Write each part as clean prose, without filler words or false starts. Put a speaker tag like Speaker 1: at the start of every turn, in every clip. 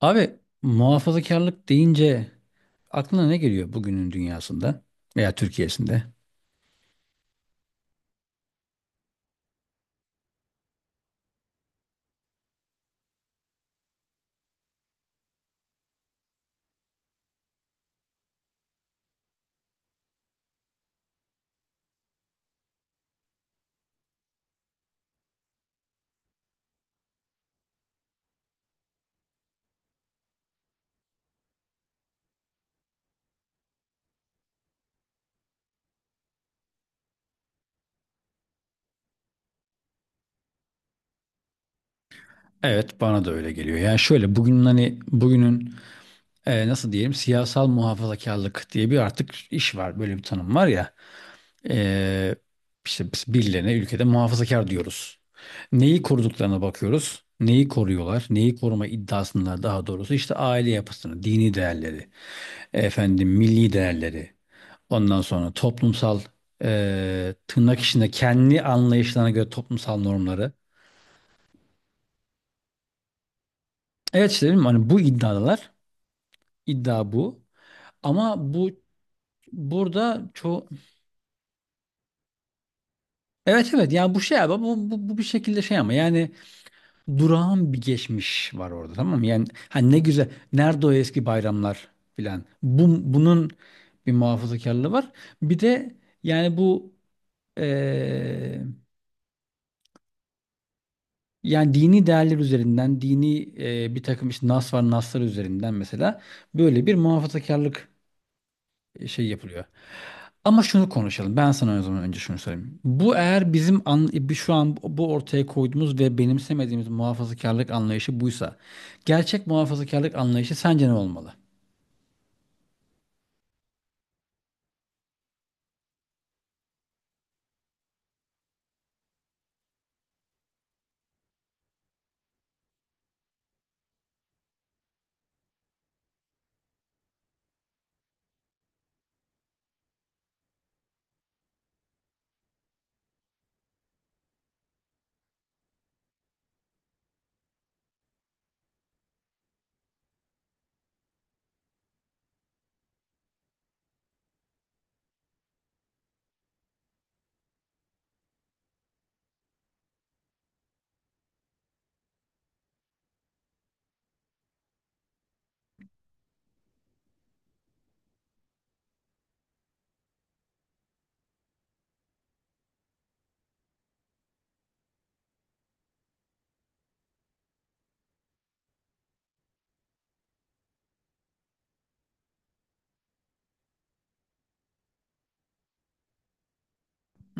Speaker 1: Abi, muhafazakarlık deyince aklına ne geliyor bugünün dünyasında veya Türkiye'sinde? Evet, bana da öyle geliyor. Yani şöyle, hani bugünün, nasıl diyelim, siyasal muhafazakarlık diye bir artık iş var. Böyle bir tanım var ya. E, işte biz birilerine ülkede muhafazakar diyoruz. Neyi koruduklarına bakıyoruz. Neyi koruyorlar? Neyi koruma iddiasında, daha doğrusu işte aile yapısını, dini değerleri, efendim milli değerleri. Ondan sonra toplumsal, tırnak içinde kendi anlayışlarına göre toplumsal normları. Evet, işte dedim hani bu iddialar iddia bu, ama bu burada çok, evet, evet, yani bu şey abi, bu bir şekilde şey, ama yani durağan bir geçmiş var orada, tamam mı? Yani hani ne güzel, nerede o eski bayramlar filan, bunun bir muhafazakarlığı var, bir de yani bu. eee, Yani dini değerler üzerinden, dini, bir takım işte nas var, naslar üzerinden mesela böyle bir muhafazakarlık, şey yapılıyor. Ama şunu konuşalım. Ben sana o zaman önce şunu söyleyeyim. Bu, eğer bizim şu an bu ortaya koyduğumuz ve benimsemediğimiz muhafazakarlık anlayışı buysa, gerçek muhafazakarlık anlayışı sence ne olmalı?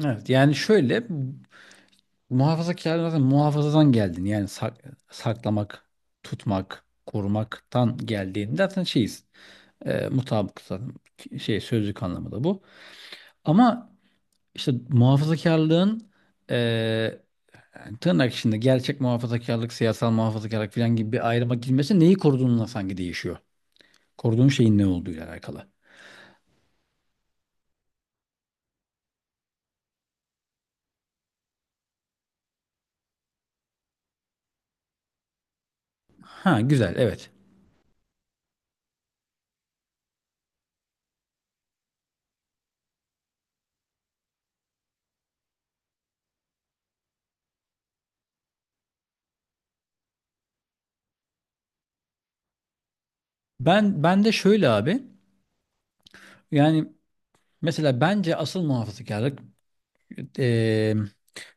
Speaker 1: Evet. Yani şöyle, muhafazakarlık zaten muhafazadan geldin. Yani saklamak, tutmak, korumaktan geldiğinde zaten şeyiz. Mutabık zaten, şey, sözlük anlamı da bu. Ama işte muhafazakarlığın, e, yani tırnak içinde gerçek muhafazakarlık, siyasal muhafazakarlık falan gibi bir ayrıma girmesi neyi koruduğunla sanki değişiyor. Koruduğun şeyin ne olduğuyla alakalı. Ha güzel, evet. Ben de şöyle abi, yani mesela bence asıl muhafazakarlık, e,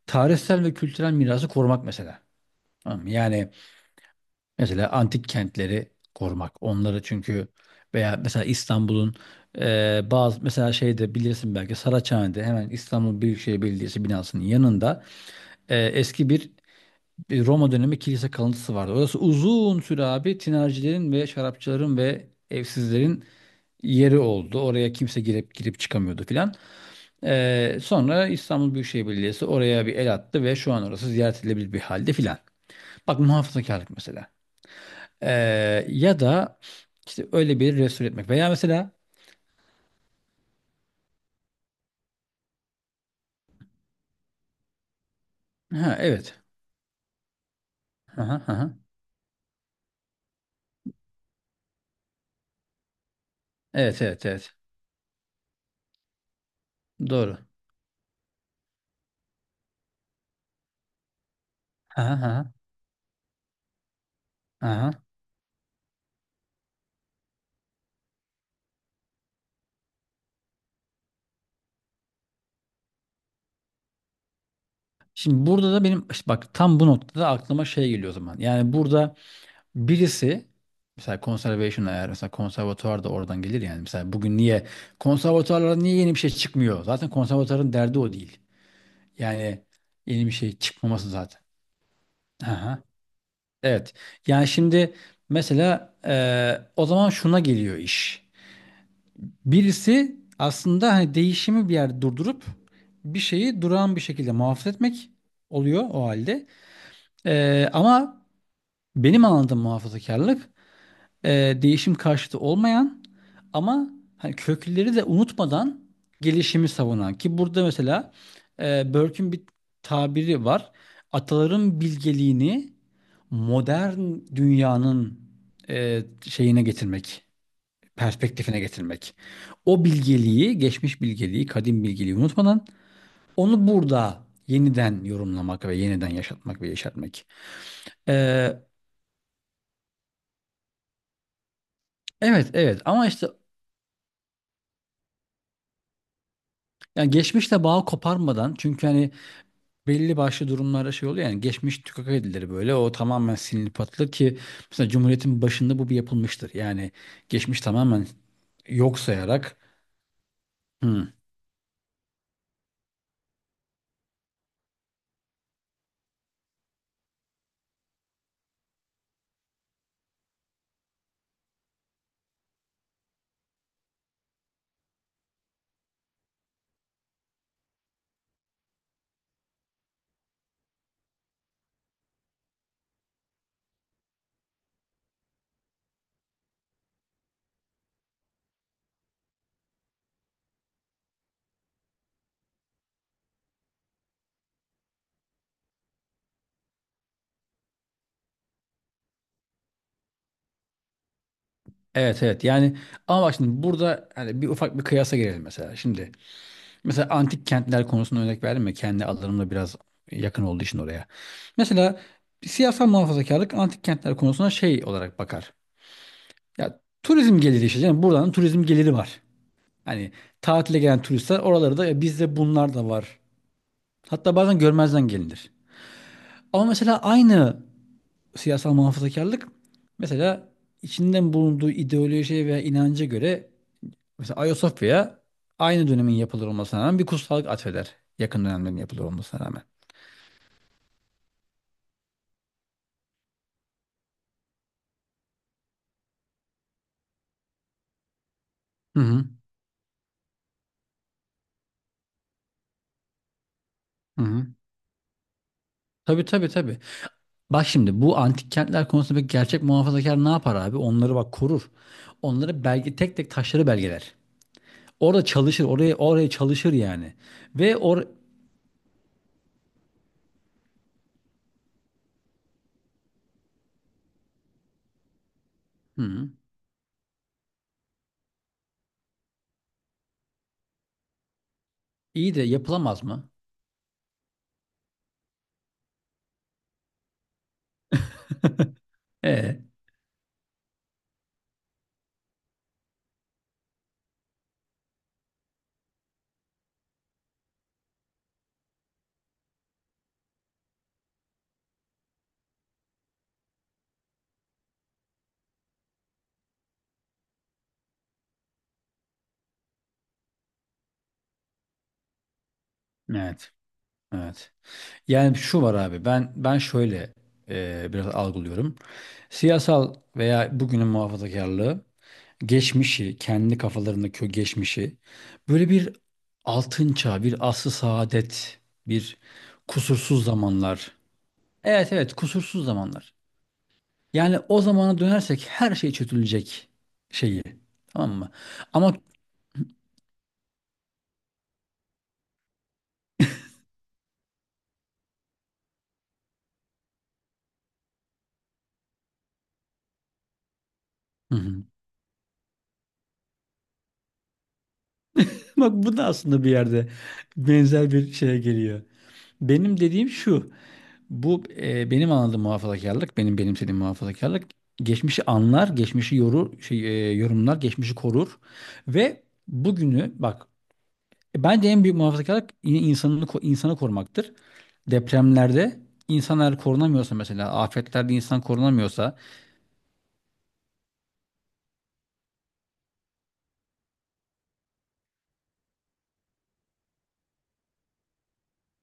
Speaker 1: tarihsel ve kültürel mirası korumak mesela. Tamam mı? Yani, mesela antik kentleri korumak. Onları çünkü, veya mesela İstanbul'un, bazı, mesela şeyde, bilirsin belki, Saraçhane'de hemen İstanbul Büyükşehir Belediyesi binasının yanında, eski bir Roma dönemi kilise kalıntısı vardı. Orası uzun süre abi tinercilerin ve şarapçıların ve evsizlerin yeri oldu. Oraya kimse girip girip çıkamıyordu filan. Sonra İstanbul Büyükşehir Belediyesi oraya bir el attı ve şu an orası ziyaret edilebilir bir halde filan. Bak, muhafazakarlık mesela. Ya da işte öyle bir resul etmek. Veya mesela, ha evet. Aha, aha. Evet, evet, evet. Doğru. Aha, aha, aha. Şimdi burada da benim işte bak, tam bu noktada aklıma şey geliyor o zaman. Yani burada birisi, mesela conservation, eğer, mesela konservatuvar da oradan gelir yani. Mesela bugün niye konservatuvarlara, niye yeni bir şey çıkmıyor? Zaten konservatuvarın derdi o değil. Yani yeni bir şey çıkmaması zaten. Aha. Evet. Yani şimdi, mesela, o zaman şuna geliyor iş. Birisi aslında hani değişimi bir yerde durdurup bir şeyi durağan bir şekilde muhafaza etmek oluyor, o halde. Ama benim anladığım muhafazakarlık, değişim karşıtı olmayan ama hani kökleri de unutmadan gelişimi savunan. Ki burada, mesela, Burke'ün bir tabiri var. Ataların bilgeliğini modern dünyanın, şeyine getirmek, perspektifine getirmek. O bilgeliği, geçmiş bilgeliği, kadim bilgeliği unutmadan onu burada yeniden yorumlamak ve yeniden yaşatmak ve yaşatmak. Ee, evet, evet, ama işte yani geçmişle bağ koparmadan, çünkü hani belli başlı durumlarda şey oluyor, yani geçmiş tükak edilir, böyle o tamamen silinip atılır ki, mesela Cumhuriyet'in başında bu bir yapılmıştır. Yani geçmiş tamamen yok sayarak. "Hmm, evet, evet, yani ama bak şimdi burada, hani bir ufak bir kıyasa girelim mesela. Şimdi, mesela, antik kentler konusunda örnek verdim ya, kendi alanımla biraz yakın olduğu için oraya. Mesela siyasal muhafazakarlık antik kentler konusuna şey olarak bakar. Ya, turizm geliri işte canım, buradan turizm geliri var. Hani tatile gelen turistler oraları da, "E, bizde bunlar da var." Hatta bazen görmezden gelinir. Ama mesela aynı siyasal muhafazakarlık, mesela içinden bulunduğu ideolojiye veya inanca göre, mesela Ayasofya'ya aynı dönemin yapılır olmasına rağmen bir kutsallık atfeder. Yakın dönemlerin yapılır olmasına rağmen. Hı hı. Hı hı. Tabii, tabii, tabii. Bak şimdi, bu antik kentler konusunda bir gerçek muhafazakar ne yapar abi? Onları bak korur. Onları belge, tek tek taşları belgeler. Orada çalışır, oraya oraya çalışır yani. Ve or Hı. İyi de yapılamaz mı? E. Evet. Evet. Yani şu var abi, ben şöyle, biraz algılıyorum. Siyasal veya bugünün muhafazakarlığı geçmişi, kendi kafalarındaki o geçmişi, böyle bir altın çağ, bir asr-ı saadet, bir kusursuz zamanlar. Evet, evet, kusursuz zamanlar. Yani o zamana dönersek her şey çözülecek şeyi. Tamam mı? Ama. Hı hı. Bak, bu da aslında bir yerde benzer bir şeye geliyor. Benim dediğim şu: bu, benim anladığım muhafazakarlık, benim benimsediğim muhafazakarlık, geçmişi anlar, geçmişi yorur, şey, yorumlar, geçmişi korur ve bugünü bak, bence en büyük muhafazakarlık yine insanını, insanı korumaktır. Depremlerde insanlar korunamıyorsa, mesela afetlerde insan korunamıyorsa.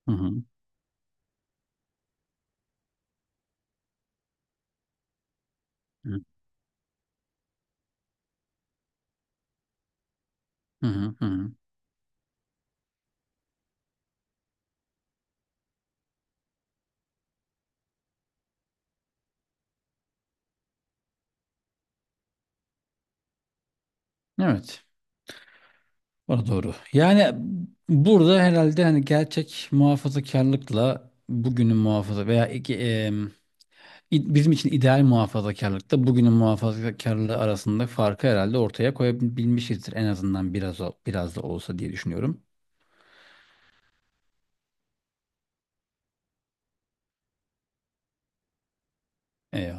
Speaker 1: Hı hı. Hı hı. Hı hı. Evet. O da doğru. Yani burada herhalde, hani gerçek muhafazakarlıkla bugünün muhafaza veya iki, bizim için ideal muhafazakarlıkta bugünün muhafazakarlığı arasında farkı herhalde ortaya koyabilmişizdir. En azından biraz, biraz da olsa diye düşünüyorum. Eyvallah.